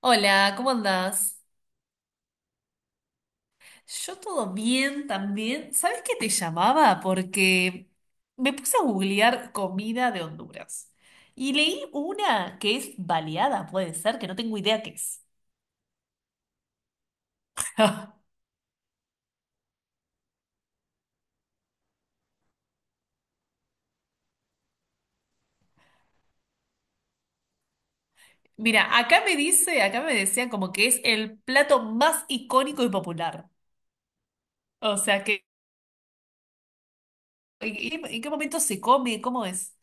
Hola, ¿cómo andás? Yo todo bien también. ¿Sabes qué te llamaba? Porque me puse a googlear comida de Honduras y leí una que es baleada, puede ser, que no tengo idea qué es. Mira, acá me dice, acá me decían como que es el plato más icónico y popular. O sea, que, ¿en qué momento se come? ¿Cómo es?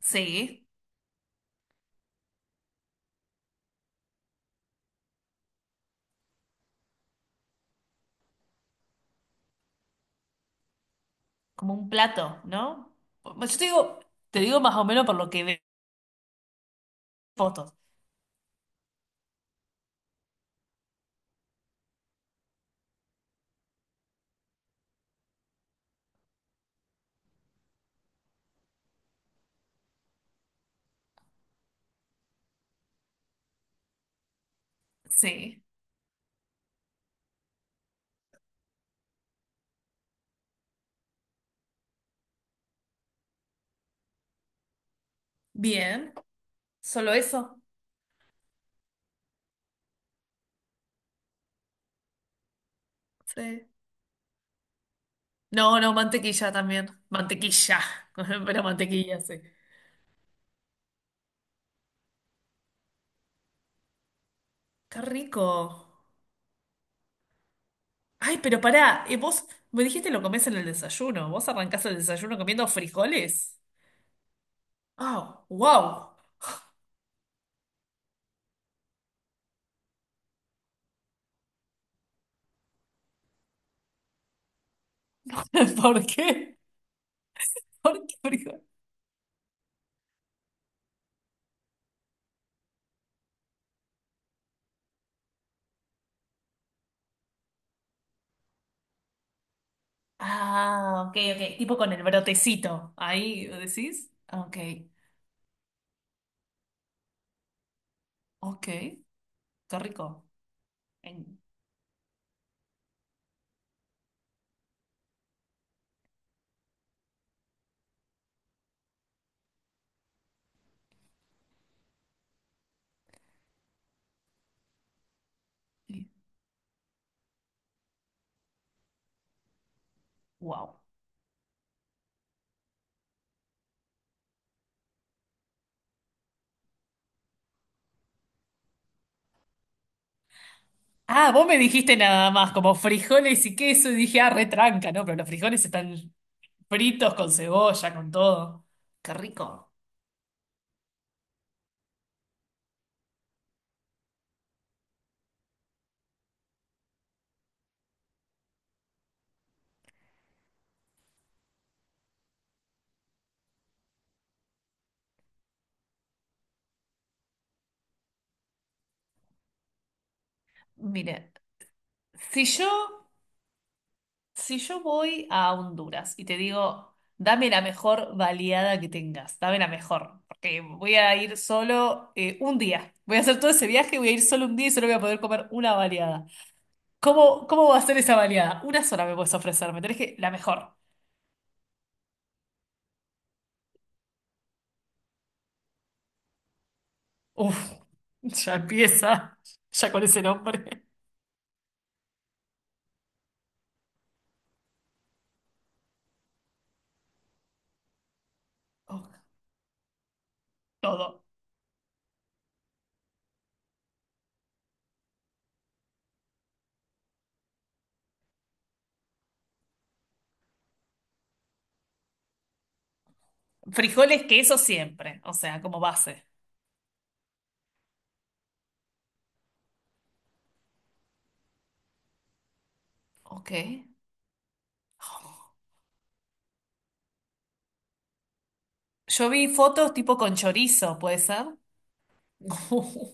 Sí, como un plato, ¿no? Yo te digo más o menos por lo que veo en fotos. Sí. Bien. ¿Solo eso? Sí. No, no, mantequilla también. Mantequilla. Pero mantequilla, sí. Qué rico. Ay, pero pará, vos me dijiste lo comés en el desayuno. ¿Vos arrancás el desayuno comiendo frijoles? Oh, wow. ¿Por qué? ¿Por qué frijoles? Ah, ok, ok. Tipo con el brotecito. Ahí decís. Ok, ok. Qué rico. En... Wow. Ah, vos me dijiste nada más, como frijoles y queso, y dije, ah, retranca, ¿no? Pero los frijoles están fritos con cebolla, con todo. Qué rico. Mire, si yo, si yo voy a Honduras y te digo, dame la mejor baleada que tengas, dame la mejor, porque voy a ir solo un día. Voy a hacer todo ese viaje, voy a ir solo un día y solo voy a poder comer una baleada. ¿Cómo, cómo va a ser esa baleada? Una sola me puedes ofrecer, me tenés que la mejor. Uf, ya empieza, ya con ese nombre. Oh, todo. Frijoles, queso siempre, o sea, como base. Ok. Yo vi fotos tipo con chorizo, ¿puede ser?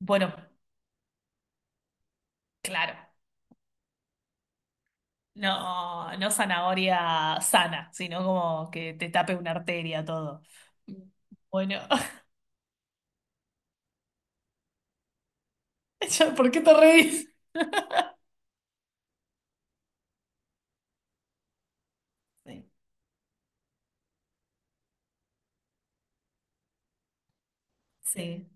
Bueno, claro. No, no zanahoria sana, sino como que te tape una arteria todo. Bueno, ya, ¿por qué te reís? Sí. Sí.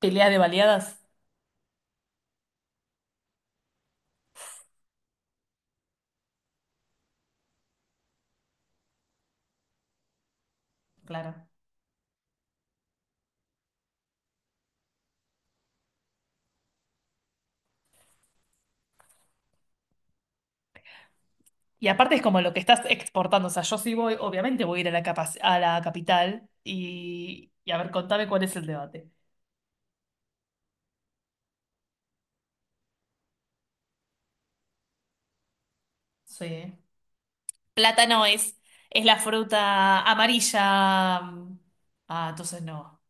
Pelea de baleadas, claro. Y aparte es como lo que estás exportando. O sea, yo sí voy, obviamente voy a ir a la, capac- a la capital y a ver, contame cuál es el debate. Sí. Plátano es la fruta amarilla. Mm, ah, entonces no.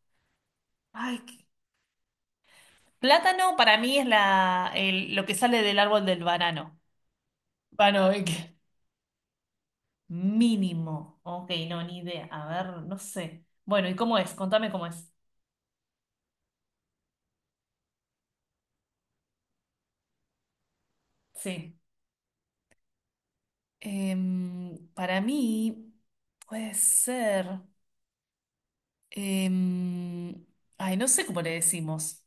Ay, qué- plátano para mí es la, el- lo que sale del árbol del banano. Bueno, ¿y qué? Mínimo. Ok, no, ni idea. A ver, no sé. Bueno, ¿y cómo es? Contame cómo es. Sí. Em, para mí puede ser. Em, ay, no sé cómo le decimos.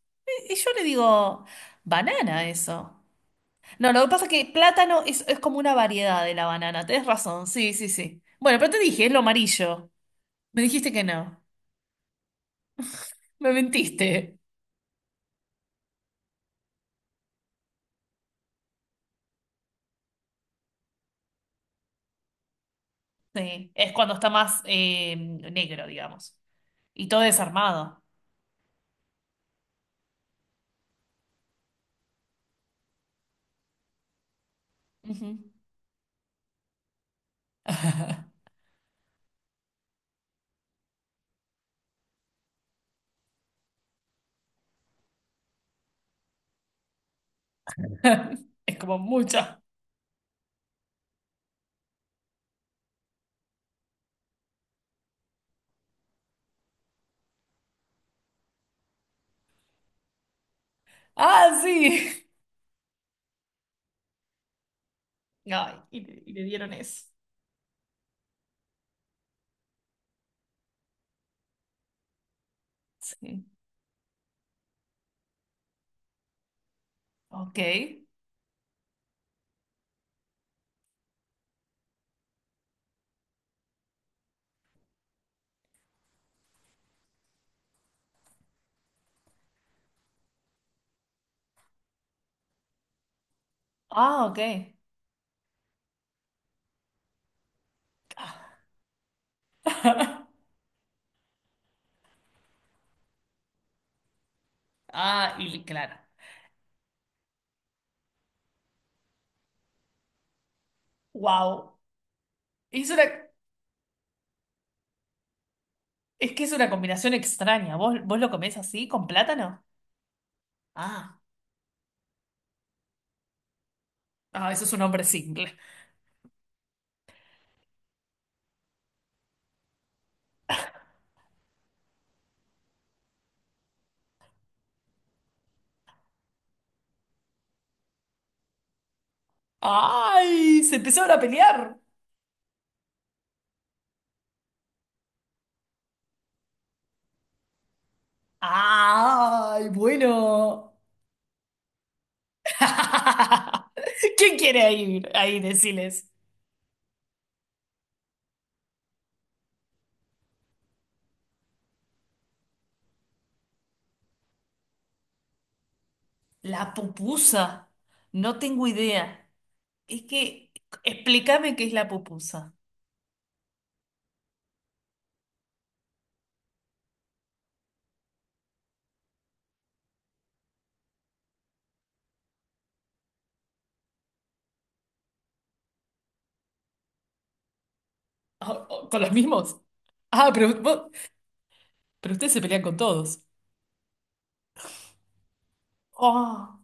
Y yo le digo banana a eso. No, lo que pasa es que plátano es como una variedad de la banana. Tenés razón, sí, sí, sí. Bueno, pero te dije, es lo amarillo. Me dijiste que no. Me mentiste. Sí, es cuando está más negro, digamos. Y todo desarmado. Ujú. Es como mucha. Ah, sí. Ay, y le dieron eso. Sí. Ok. Ah, ok. Ah. Ah, y claro. Wow. Es una, es que es una combinación extraña. ¿Vos, vos lo comés así, con plátano? Ah. Ah, eso es un hombre single. ¡Ay! Se empezaron a pelear. ¡Ay! Bueno. ¿Quién quiere ir ahí? Deciles. La pupusa. No tengo idea. Es que, explícame qué es la pupusa. Ah, ah, ¿con los mismos? Ah, pero, vos- pero ustedes se pelean con todos. Oh.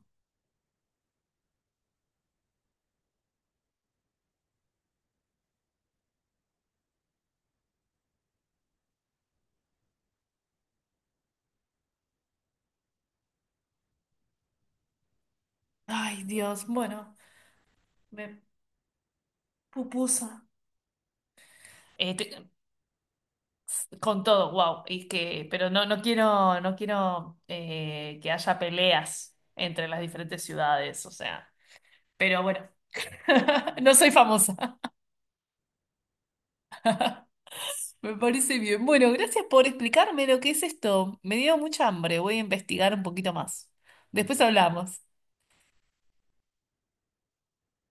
Ay, Dios, bueno, me pupusa. Te- con todo, wow. Y que, pero no, no quiero, no quiero que haya peleas entre las diferentes ciudades, o sea. Pero bueno, no soy famosa. Me parece bien. Bueno, gracias por explicarme lo que es esto. Me dio mucha hambre. Voy a investigar un poquito más. Después hablamos.